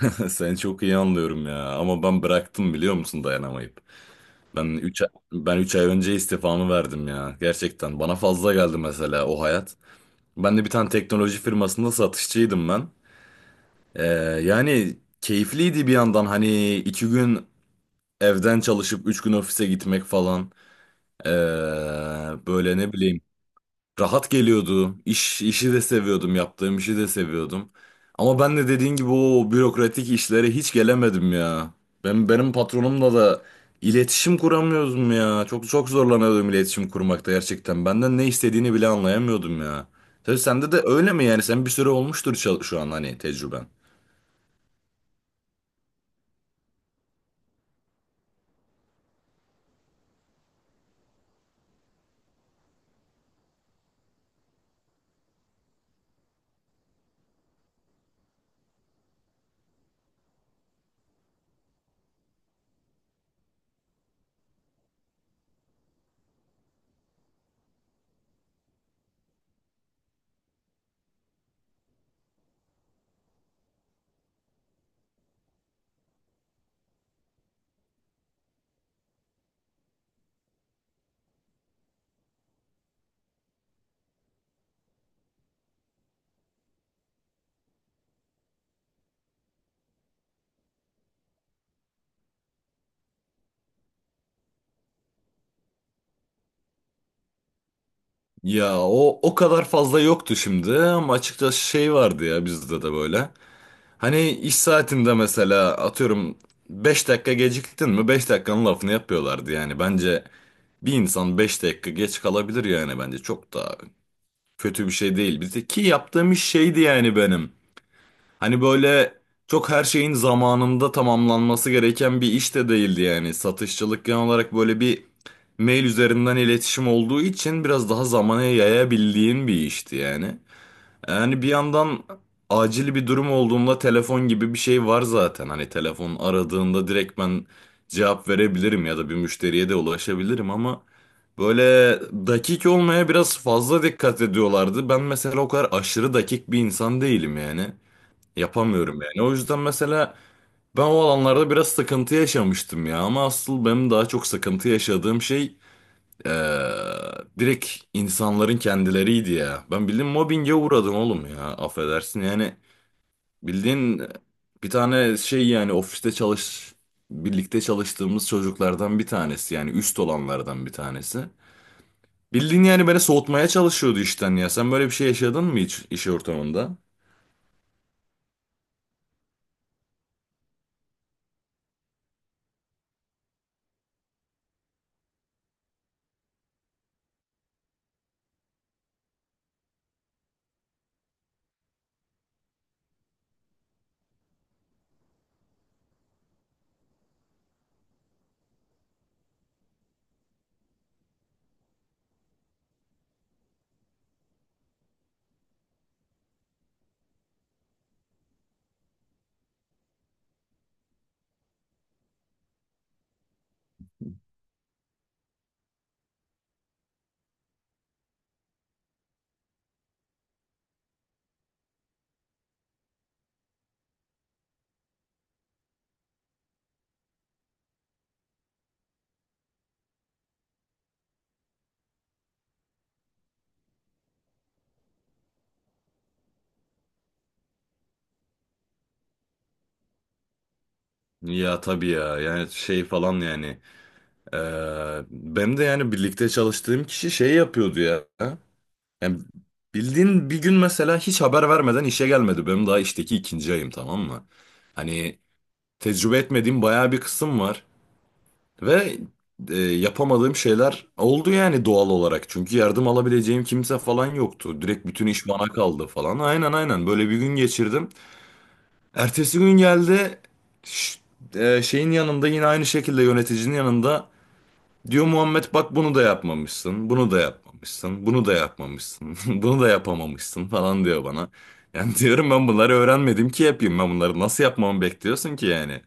Seni çok iyi anlıyorum ya, ama ben bıraktım, biliyor musun, dayanamayıp. Ben 3 ben 3 ay önce istifamı verdim ya. Gerçekten bana fazla geldi mesela o hayat. Ben de bir tane teknoloji firmasında satışçıydım ben. Ee, yani keyifliydi bir yandan, hani 2 gün evden çalışıp 3 gün ofise gitmek falan. Ee, böyle ne bileyim, rahat geliyordu. İş, işi de seviyordum. Yaptığım işi de seviyordum. Ama ben de dediğin gibi o bürokratik işlere hiç gelemedim ya. Benim patronumla da iletişim kuramıyordum ya. Çok çok zorlanıyordum iletişim kurmakta gerçekten. Benden ne istediğini bile anlayamıyordum ya. Tabii sende de öyle mi yani? Sen bir süre olmuştur, şu an hani, tecrüben. Ya o kadar fazla yoktu şimdi, ama açıkçası şey vardı ya, bizde de böyle. Hani iş saatinde mesela, atıyorum, 5 dakika geciktin mi, 5 dakikanın lafını yapıyorlardı yani. Bence bir insan 5 dakika geç kalabilir, yani bence çok da kötü bir şey değil. Bir de ki yaptığım iş şeydi yani benim. Hani böyle çok her şeyin zamanında tamamlanması gereken bir iş de değildi yani. Satışçılık genel olarak böyle bir mail üzerinden iletişim olduğu için biraz daha zamana yayabildiğin bir işti yani. Yani bir yandan acil bir durum olduğunda telefon gibi bir şey var zaten. Hani telefon aradığında direkt ben cevap verebilirim ya da bir müşteriye de ulaşabilirim, ama böyle dakik olmaya biraz fazla dikkat ediyorlardı. Ben mesela o kadar aşırı dakik bir insan değilim yani. Yapamıyorum yani. O yüzden mesela ben o alanlarda biraz sıkıntı yaşamıştım ya, ama asıl benim daha çok sıkıntı yaşadığım şey, ee, direkt insanların kendileriydi ya. Ben bildiğin mobbinge uğradım oğlum ya. Affedersin yani. Bildiğin bir tane şey yani, ofiste çalış, birlikte çalıştığımız çocuklardan bir tanesi, yani üst olanlardan bir tanesi. Bildiğin, yani, beni soğutmaya çalışıyordu işten ya. Sen böyle bir şey yaşadın mı hiç iş ortamında? Ya tabii ya, yani şey falan yani. Ee, Benim de yani birlikte çalıştığım kişi şey yapıyordu ya. Yani bildiğin, bir gün mesela hiç haber vermeden işe gelmedi. Benim daha işteki ikinci ayım, tamam mı? Hani tecrübe etmediğim bayağı bir kısım var. Ve yapamadığım şeyler oldu yani doğal olarak. Çünkü yardım alabileceğim kimse falan yoktu. Direkt bütün iş bana kaldı falan. Aynen aynen, böyle bir gün geçirdim. Ertesi gün geldi, ş- şeyin yanında, yine aynı şekilde yöneticinin yanında diyor, Muhammed bak bunu da yapmamışsın, bunu da yapmamışsın, bunu da yapmamışsın, bunu da yapamamışsın falan diyor bana. Yani diyorum, ben bunları öğrenmedim ki yapayım. Ben bunları nasıl yapmamı bekliyorsun ki yani?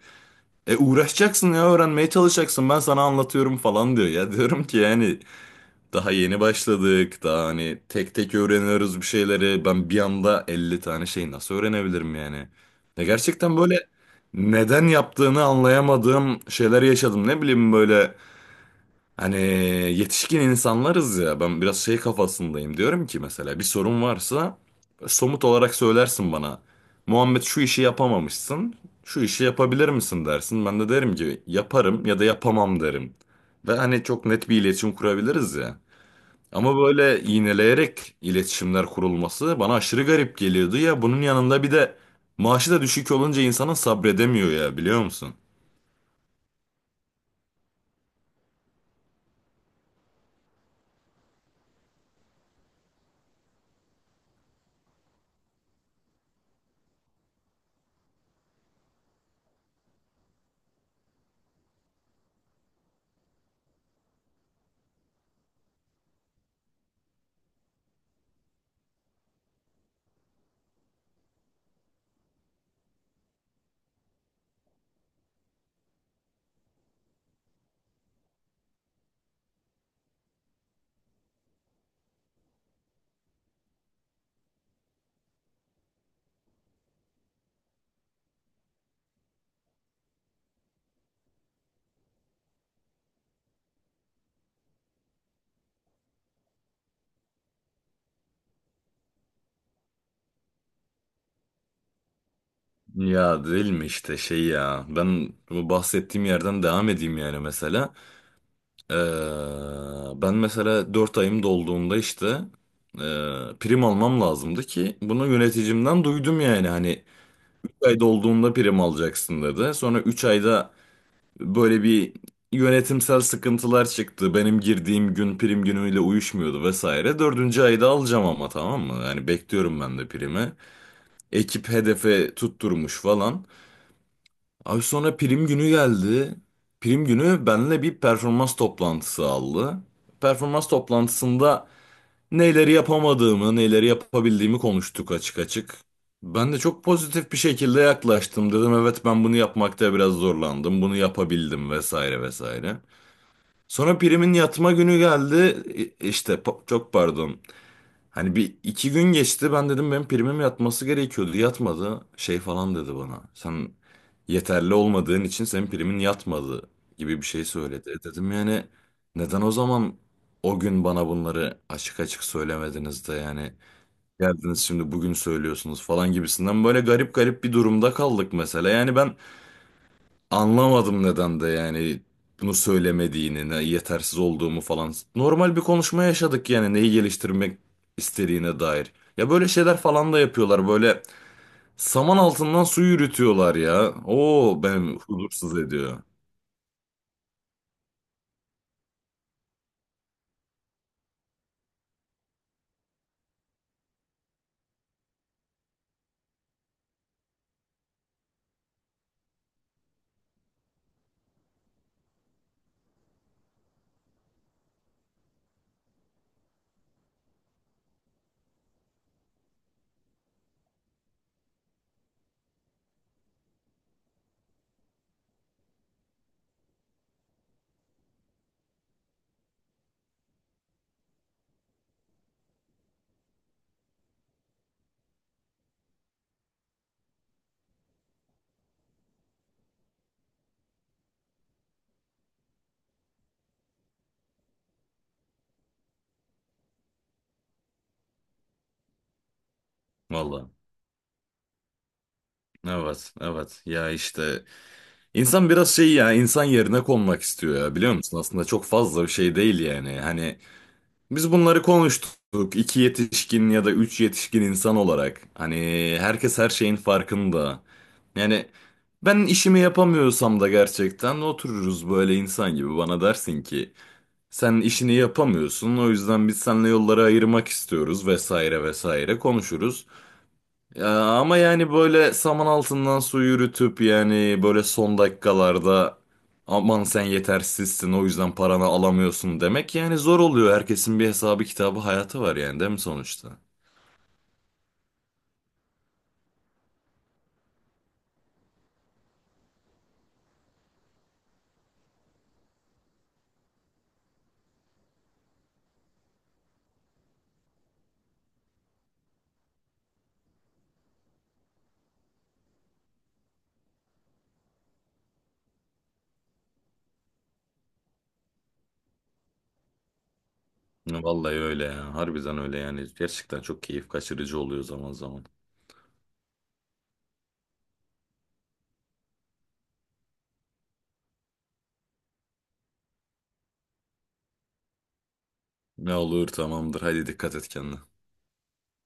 E, uğraşacaksın ya, öğrenmeye çalışacaksın, ben sana anlatıyorum falan diyor. Ya diyorum ki, yani daha yeni başladık, daha hani tek tek öğreniyoruz bir şeyleri. Ben bir anda 50 tane şey nasıl öğrenebilirim yani? Ya gerçekten böyle neden yaptığını anlayamadığım şeyler yaşadım, ne bileyim böyle. Hani yetişkin insanlarız ya, ben biraz şey kafasındayım, diyorum ki mesela bir sorun varsa somut olarak söylersin bana. Muhammed şu işi yapamamışsın, şu işi yapabilir misin dersin, ben de derim ki yaparım ya da yapamam derim. Ve hani çok net bir iletişim kurabiliriz ya. Ama böyle iğneleyerek iletişimler kurulması bana aşırı garip geliyordu ya, bunun yanında bir de maaşı da düşük olunca insanın sabredemiyor ya, biliyor musun? Ya değil mi, işte şey ya, ben bu bahsettiğim yerden devam edeyim yani. Mesela Ee, ben mesela 4 ayım dolduğunda işte, ee, prim almam lazımdı, ki bunu yöneticimden duydum, yani hani 3 ay dolduğunda prim alacaksın dedi, sonra 3 ayda böyle bir yönetimsel sıkıntılar çıktı, benim girdiğim gün prim günüyle uyuşmuyordu vesaire, dördüncü ayda alacağım ama, tamam mı, yani bekliyorum ben de primi, ekip hedefe tutturmuş falan. Abi sonra prim günü geldi. Prim günü benimle bir performans toplantısı aldı. Performans toplantısında neleri yapamadığımı, neleri yapabildiğimi konuştuk, açık açık. Ben de çok pozitif bir şekilde yaklaştım. Dedim evet, ben bunu yapmakta biraz zorlandım. Bunu yapabildim vesaire vesaire. Sonra primin yatma günü geldi. İşte çok pardon. Hani bir iki gün geçti, ben dedim benim primim yatması gerekiyordu, yatmadı şey falan dedi bana. Sen yeterli olmadığın için senin primin yatmadı gibi bir şey söyledi. E, dedim yani, neden o zaman o gün bana bunları açık açık söylemediniz de yani, geldiniz şimdi bugün söylüyorsunuz falan gibisinden, böyle garip garip bir durumda kaldık mesela. Yani ben anlamadım neden de yani bunu söylemediğini, ne yetersiz olduğumu falan. Normal bir konuşma yaşadık yani, neyi geliştirmek istediğine dair. Ya böyle şeyler falan da yapıyorlar. Böyle saman altından su yürütüyorlar ya. Oo, ben huzursuz ediyor. Valla. Evet, evet. Ya işte, insan biraz şey ya, insan yerine konmak istiyor ya, biliyor musun? Aslında çok fazla bir şey değil yani. Hani biz bunları konuştuk. İki yetişkin ya da üç yetişkin insan olarak. Hani herkes her şeyin farkında. Yani ben işimi yapamıyorsam da, gerçekten otururuz böyle insan gibi, bana dersin ki sen işini yapamıyorsun, o yüzden biz seninle yolları ayırmak istiyoruz vesaire vesaire, konuşuruz. Ya, ama yani böyle saman altından su yürütüp, yani böyle son dakikalarda, aman sen yetersizsin o yüzden paranı alamıyorsun demek yani, zor oluyor. Herkesin bir hesabı kitabı, hayatı var yani, değil mi sonuçta? Ya vallahi öyle ya, harbiden öyle yani, gerçekten çok keyif kaçırıcı oluyor zaman zaman. Ne olur, tamamdır, hadi dikkat et kendine.